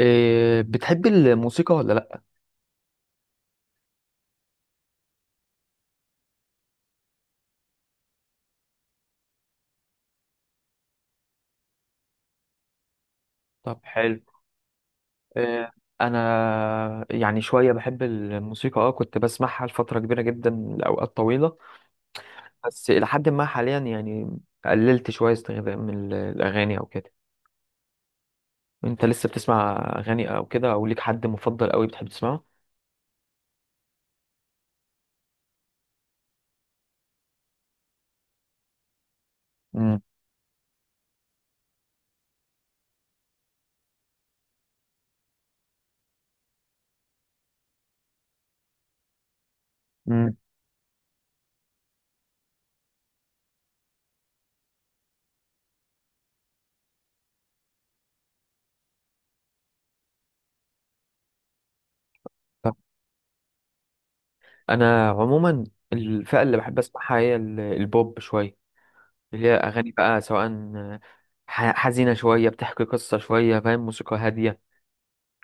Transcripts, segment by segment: إيه بتحب الموسيقى ولا لأ؟ طب حلو. إيه أنا يعني شوية بحب الموسيقى كنت بسمعها لفترة كبيرة جدا لأوقات طويلة، بس إلى حد ما حاليا يعني قللت شوية استخدام من الأغاني أو كده. أنت لسه بتسمع أغاني أو كده، أو ليك حد مفضل أوي بتحب تسمعه؟ مم. مم. طب أنا عموما الفئة اللي بحب أسمعها هي البوب شوية، اللي هي أغاني بقى، سواء حزينة شوية بتحكي قصة شوية، فاهم، موسيقى هادية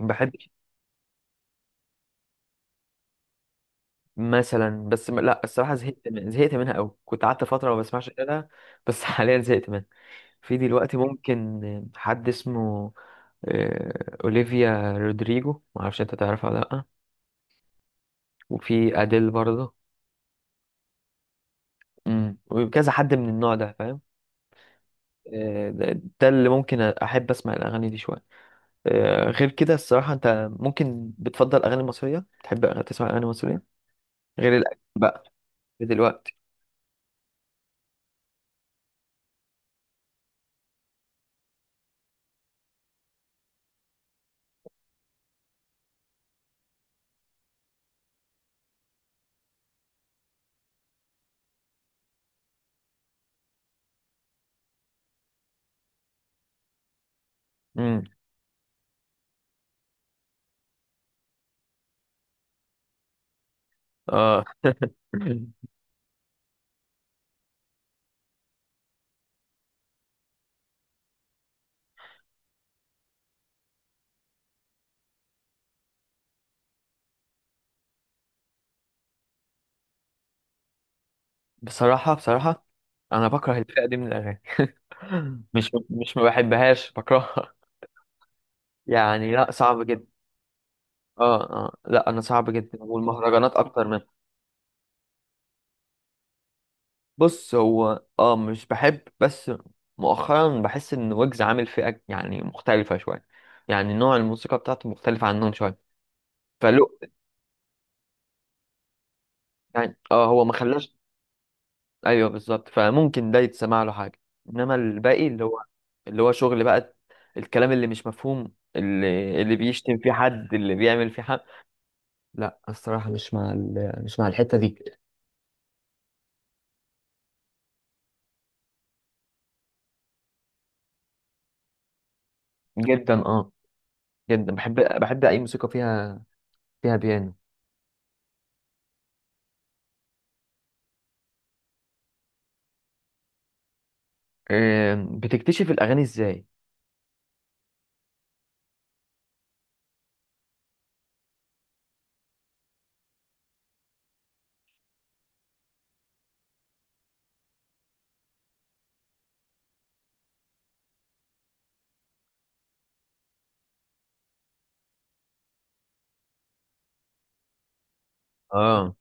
بحب. مثلا، بس لا الصراحه زهقت زهقت منها قوي، كنت قعدت فتره ما بسمعش اغانيها، بس حاليا زهقت منها. في دلوقتي ممكن حد اسمه اوليفيا رودريجو، ما اعرفش انت تعرفها ولا لا. وفي اديل برضه. امم، وكذا حد من النوع ده، فاهم، ده اللي ممكن احب اسمع الاغاني دي شويه. غير كده الصراحه انت ممكن بتفضل اغاني مصريه، تحب تسمع اغاني مصريه غير الاجنبي بقى دلوقتي؟ امم. اه بصراحة، بصراحة أنا بكره الفئة دي من الأغاني مش ما بحبهاش، بكرهها. يعني لا، صعب جدا. اه اه، لا أنا صعب جدا، والمهرجانات أكتر منها. بص هو اه مش بحب، بس مؤخرا بحس إن ويجز عامل فئة يعني مختلفة شوية، يعني نوع الموسيقى بتاعته مختلف عنهم شوية، فلو يعني اه هو ما خلاش. ايوه بالظبط، فممكن ده يتسمع له حاجه، انما الباقي اللي هو، اللي هو شغل بقى، الكلام اللي مش مفهوم، اللي بيشتم فيه حد، اللي بيعمل فيه حد، لا الصراحه مش مع مش مع الحته دي. جدا اه، جدا بحب. بحب اي موسيقى فيها، فيها بيانو. آم، بتكتشف الاغاني ازاي؟ اه.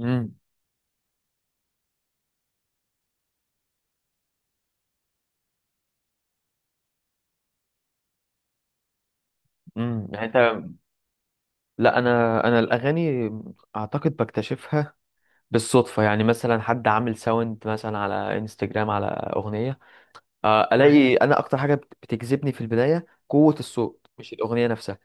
امم. يعني انت، لا انا الاغاني اعتقد بكتشفها بالصدفه. يعني مثلا حد عامل ساوند مثلا على انستجرام على اغنيه، الاقي انا اكتر حاجه بتجذبني في البدايه قوه الصوت، مش الاغنيه نفسها.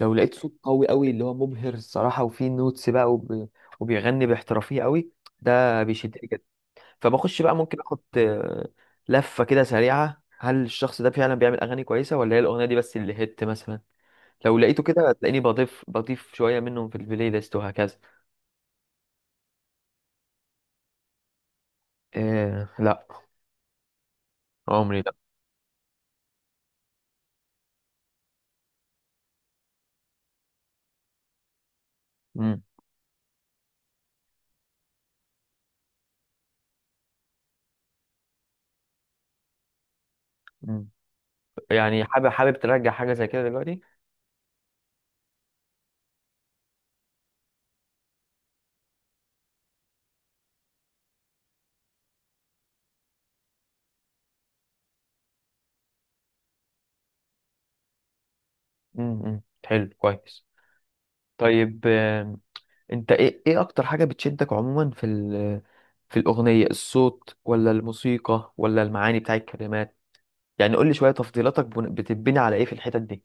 لو لقيت صوت قوي اللي هو مبهر الصراحه، وفيه نوتس بقى وبيغني باحترافيه قوي، ده بيشدني جدا. فبخش بقى، ممكن اخد لفه كده سريعه، هل الشخص ده فعلا بيعمل اغاني كويسه، ولا هي الاغنيه دي بس اللي هت مثلا. لو لقيته كده، هتلاقيني بضيف شويه منهم في البلاي ليست وهكذا. إيه لا، عمري لا. مم. مم. يعني حابب، حابب ترجع حاجه زي كده دلوقتي؟ مم. مم. حلو كويس. طيب آم، انت ايه، ايه اكتر حاجة بتشدك عموما في في الأغنية، الصوت ولا الموسيقى ولا المعاني بتاع الكلمات؟ يعني قول لي شوية تفضيلاتك، بتبني على ايه في الحتت دي؟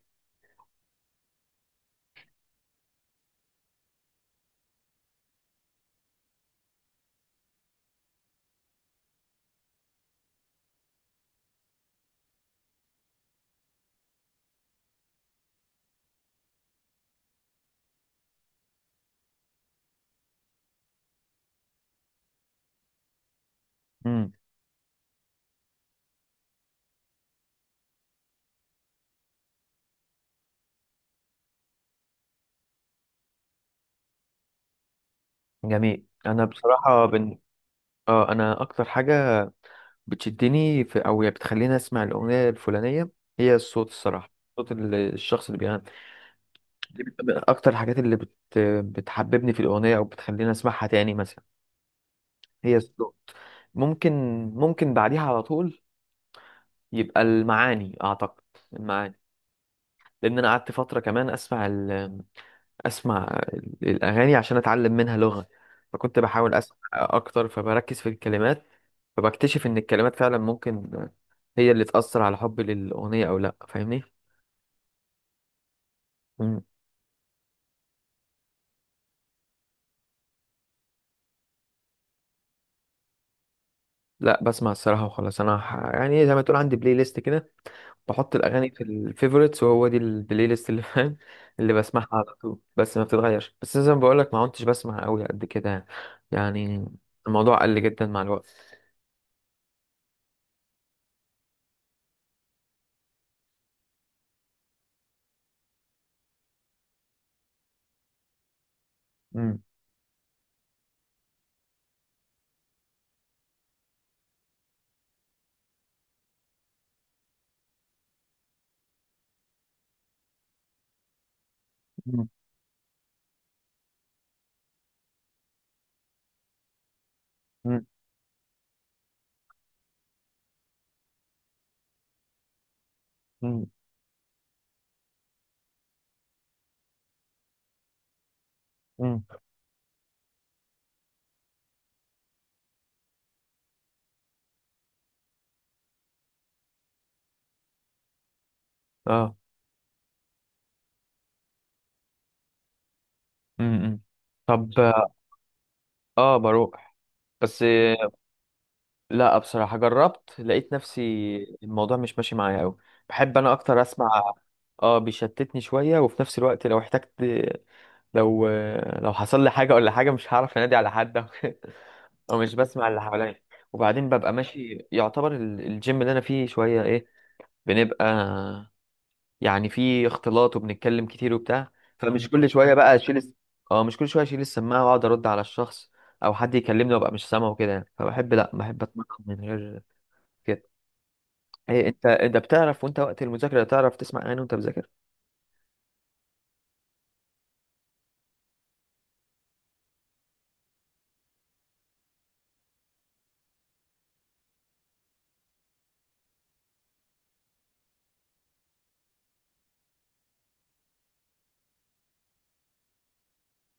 امم. جميل. انا بصراحة اه انا اكتر حاجة بتشدني في او يعني بتخليني اسمع الأغنية الفلانية، هي الصوت، الصراحة صوت الشخص اللي بيغني. دي من اكتر الحاجات بتحببني في الأغنية او بتخليني اسمعها تاني مثلا، هي الصوت. ممكن ممكن بعديها على طول يبقى المعاني، اعتقد المعاني. لان انا قعدت فتره كمان اسمع الاغاني عشان اتعلم منها لغه، فكنت بحاول اسمع اكتر فبركز في الكلمات، فبكتشف ان الكلمات فعلا ممكن هي اللي تاثر على حبي للاغنيه او لا، فاهمني؟ مم. لا بسمع الصراحه وخلاص. انا يعني زي ما تقول عندي بلاي ليست كده، بحط الاغاني في الفيفوريتس، وهو دي البلاي ليست اللي فاهم، اللي بسمعها على طول، بس ما بتتغيرش. بس زي ما بقول لك، ما كنتش بسمع قوي قد كده يعني. يعني الموضوع قل جدا مع الوقت. امم. امم. امم. امم. أمم. اه. امم. طب اه بروح، بس. لا بصراحة جربت، لقيت نفسي الموضوع مش ماشي معايا قوي، بحب انا اكتر اسمع. اه بيشتتني شوية، وفي نفس الوقت لو احتجت، لو، لو حصل لي حاجة ولا حاجة، مش هعرف انادي على حد او مش بسمع اللي حواليا. وبعدين ببقى ماشي يعتبر الجيم اللي انا فيه شويه ايه، بنبقى، يعني فيه اختلاط وبنتكلم كتير وبتاع، فمش كل شويه بقى اشيل اه مش كل شويه اشيل السماعه واقعد ارد على الشخص، او حد يكلمني وابقى مش سامعه وكده يعني. فبحب، لا بحب اتمرن من غير كده. إيه انت، انت بتعرف وانت وقت المذاكره، تعرف تسمع اغاني وانت بتذاكر؟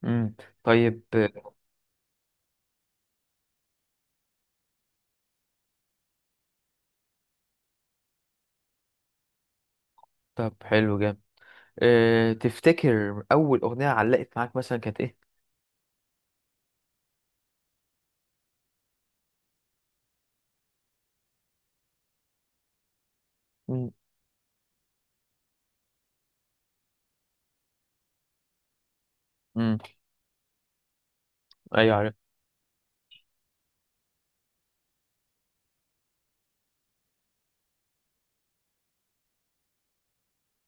امم. طيب. طب حلو جامد. إيه تفتكر اول اغنيه علقت معاك مثلا كانت ايه؟ امم. ايوه.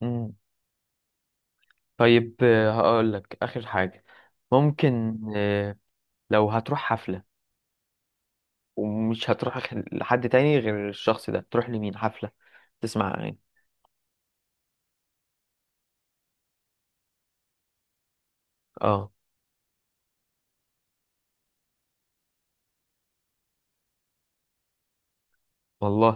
عارف. طيب هقول لك آخر حاجة. ممكن آه، لو هتروح حفلة، ومش هتروح لحد تاني غير الشخص ده، تروح لمين حفلة تسمع أغاني؟ اه والله